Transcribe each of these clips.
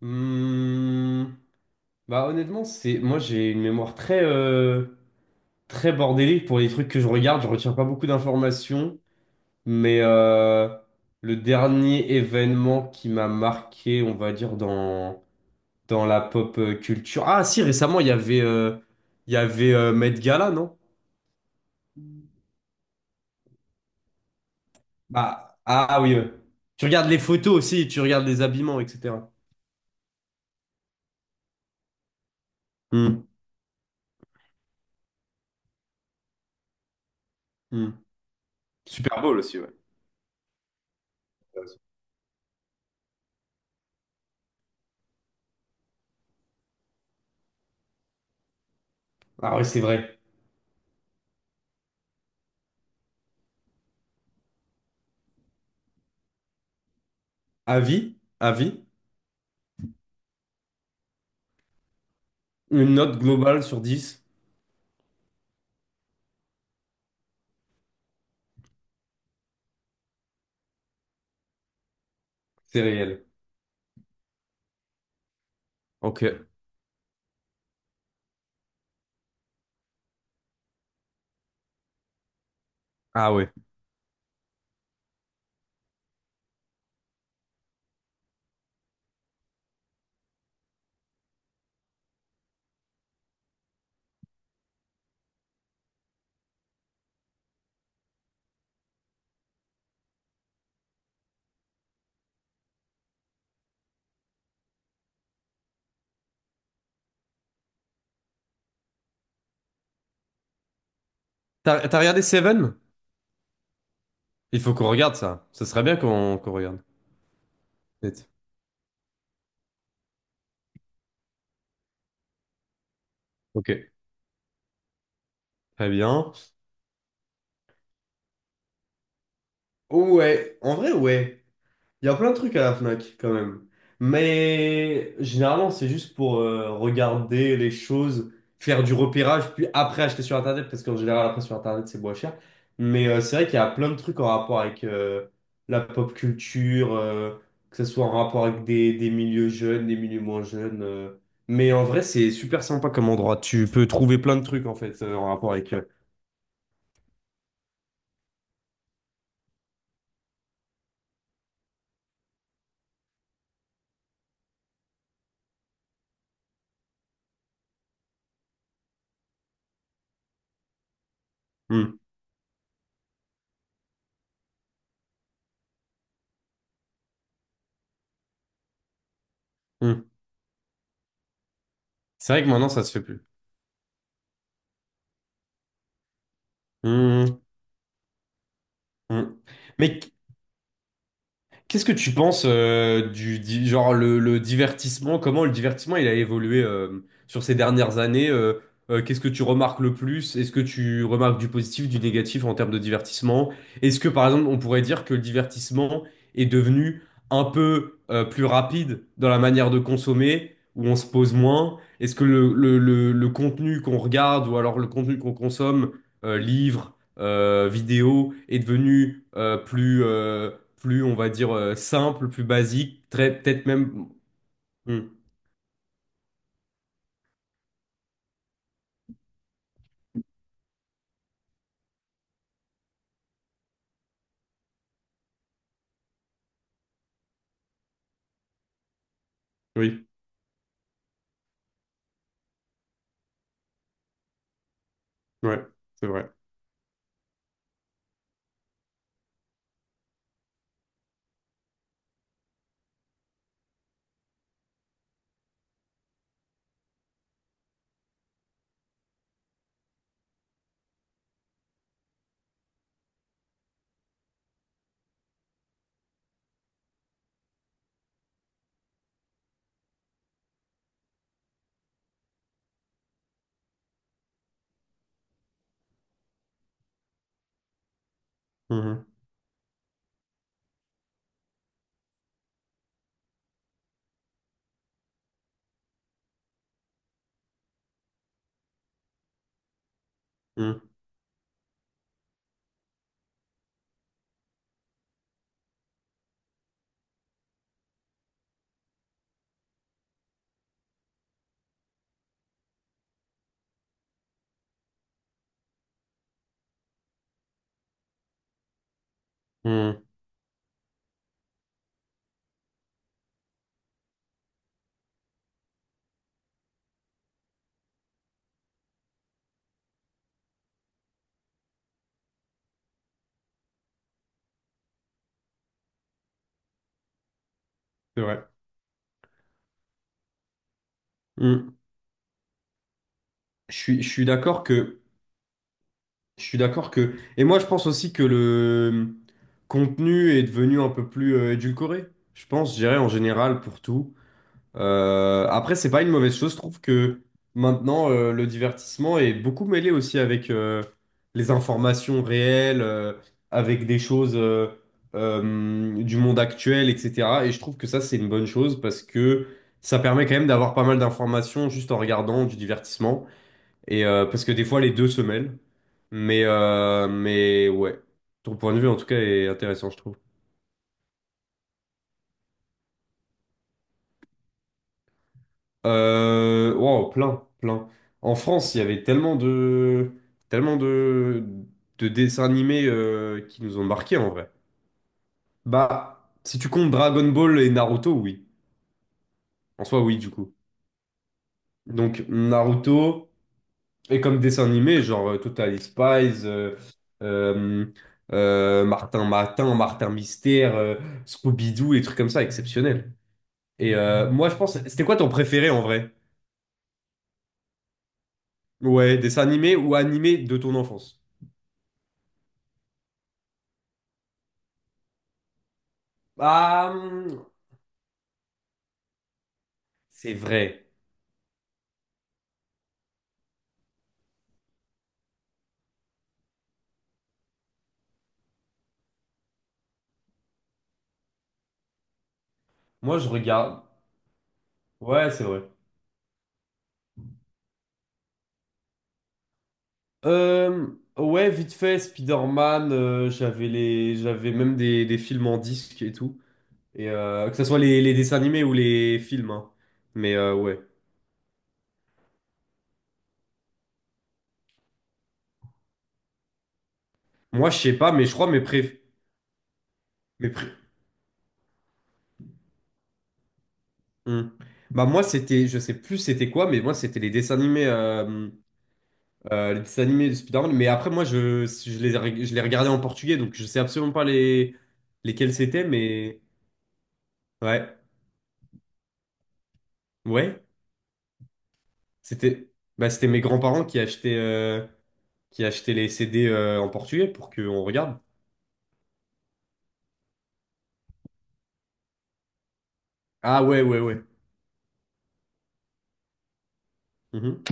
Hmm. Honnêtement, c'est... moi j'ai une mémoire très très bordélique pour les trucs que je regarde, je retiens pas beaucoup d'informations, mais le dernier événement qui m'a marqué, on va dire dans dans la pop culture. Ah si, récemment, il y avait il y avait Met Gala, non? Ah oui, ouais. Tu regardes les photos aussi, tu regardes les habillements, etc. Hmm, hmm. Super Bowl aussi, ouais. Ah oui, c'est vrai. Avis? Avis? Une note globale sur 10, c'est réel. Ok. Ah ouais. T'as, t'as regardé Seven? Il faut qu'on regarde ça. Ce serait bien qu'on regarde. Vite. Ok. Très bien. Ouais, en vrai, ouais. Il y a plein de trucs à la Fnac quand même. Mais généralement, c'est juste pour regarder les choses, faire du repérage, puis après acheter sur Internet, parce qu'en général, après sur Internet, c'est moins cher. Mais c'est vrai qu'il y a plein de trucs en rapport avec la pop culture, que ce soit en rapport avec des milieux jeunes, des milieux moins jeunes. Mais en vrai, c'est super sympa comme endroit. Tu peux trouver plein de trucs en fait en rapport avec. Hum, hum. C'est vrai que maintenant, ça se fait plus. Hum, hum. Mais qu'est-ce que tu penses genre le divertissement, comment le divertissement il a évolué sur ces dernières années, qu'est-ce que tu remarques le plus? Est-ce que tu remarques du positif, du négatif en termes de divertissement? Est-ce que par exemple on pourrait dire que le divertissement est devenu un peu plus rapide dans la manière de consommer, où on se pose moins? Est-ce que le contenu qu'on regarde ou alors le contenu qu'on consomme, livre vidéo est devenu plus, plus, on va dire, simple, plus basique, très, peut-être même. Hmm, oui, ouais, c'est vrai. Mhm, mhm, mhm, c'est vrai. Hmm. Je suis d'accord que, et moi je pense aussi que le contenu est devenu un peu plus édulcoré. Je dirais en général pour tout. Après, c'est pas une mauvaise chose. Je trouve que maintenant, le divertissement est beaucoup mêlé aussi avec les informations réelles, avec des choses du monde actuel, etc. Et je trouve que ça, c'est une bonne chose parce que ça permet quand même d'avoir pas mal d'informations juste en regardant du divertissement. Et parce que des fois, les deux se mêlent. Mais ouais, ton point de vue en tout cas est intéressant, je trouve. Wow, plein, plein. En France, il y avait tellement de dessins animés qui nous ont marqués en vrai. Bah, si tu comptes Dragon Ball et Naruto, oui. En soi, oui, du coup. Donc, Naruto, et comme dessin animé, genre Totally Spies, euh, Martin Matin, Martin Mystère, Scooby-Doo, et trucs comme ça, exceptionnels. Et moi, je pense, c'était quoi ton préféré en vrai? Ouais, dessin animé ou animé de ton enfance? Ah, c'est vrai. Moi, je regarde. Ouais, c'est vrai. Euh, ouais, vite fait, Spider-Man, j'avais les... j'avais même des films en disque et tout. Et, que ce soit les dessins animés ou les films, hein. Mais ouais. Moi, je sais pas, mais je crois mes pré... Mes pré... Hum. Bah, moi, c'était... je sais plus c'était quoi, mais moi, c'était les dessins animés. Les dessins animés de Spider-Man. Mais après, moi, je les, ai- je les regardais en portugais, donc je sais absolument pas les... lesquels c'était, mais. Ouais. Ouais. C'était c'était mes grands-parents qui achetaient, qui achetaient les CD en portugais pour qu'on regarde. Ah ouais, ouais, ouais. Mhm.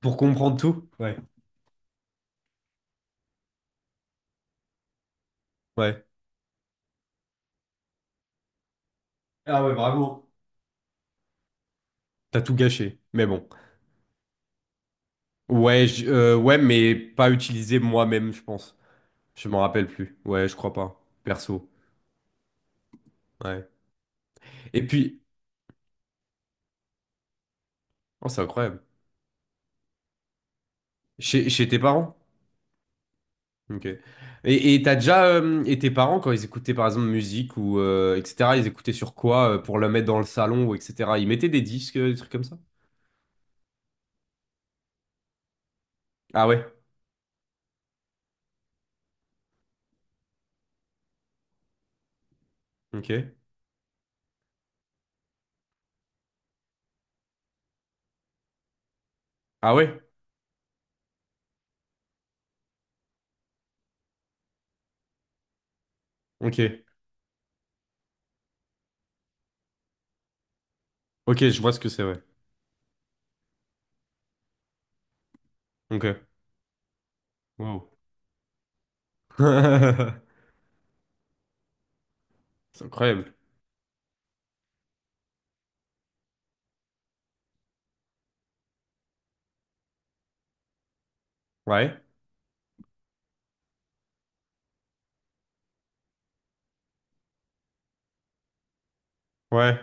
Pour comprendre tout. Ouais. Ouais. Ah ouais, bravo. T'as tout gâché. Mais bon. Ouais, mais pas utilisé moi-même, je pense. Je m'en rappelle plus. Ouais, je crois pas. Perso. Ouais. Et puis. Oh, c'est incroyable. Chez tes parents? Ok. Et t'as déjà et tes parents quand ils écoutaient par exemple musique ou etc. Ils écoutaient sur quoi pour le mettre dans le salon ou etc. Ils mettaient des disques, des trucs comme ça? Ah ouais. Ok. Ah ouais. Ok. Ok, je vois ce que c'est. Ouais. Ok. Wow. C'est incroyable. Ouais. Ouais.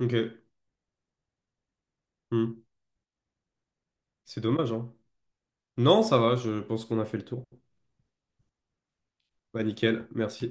Ok. Hmm. C'est dommage, hein. Non, ça va. Je pense qu'on a fait le tour. Bah nickel. Merci.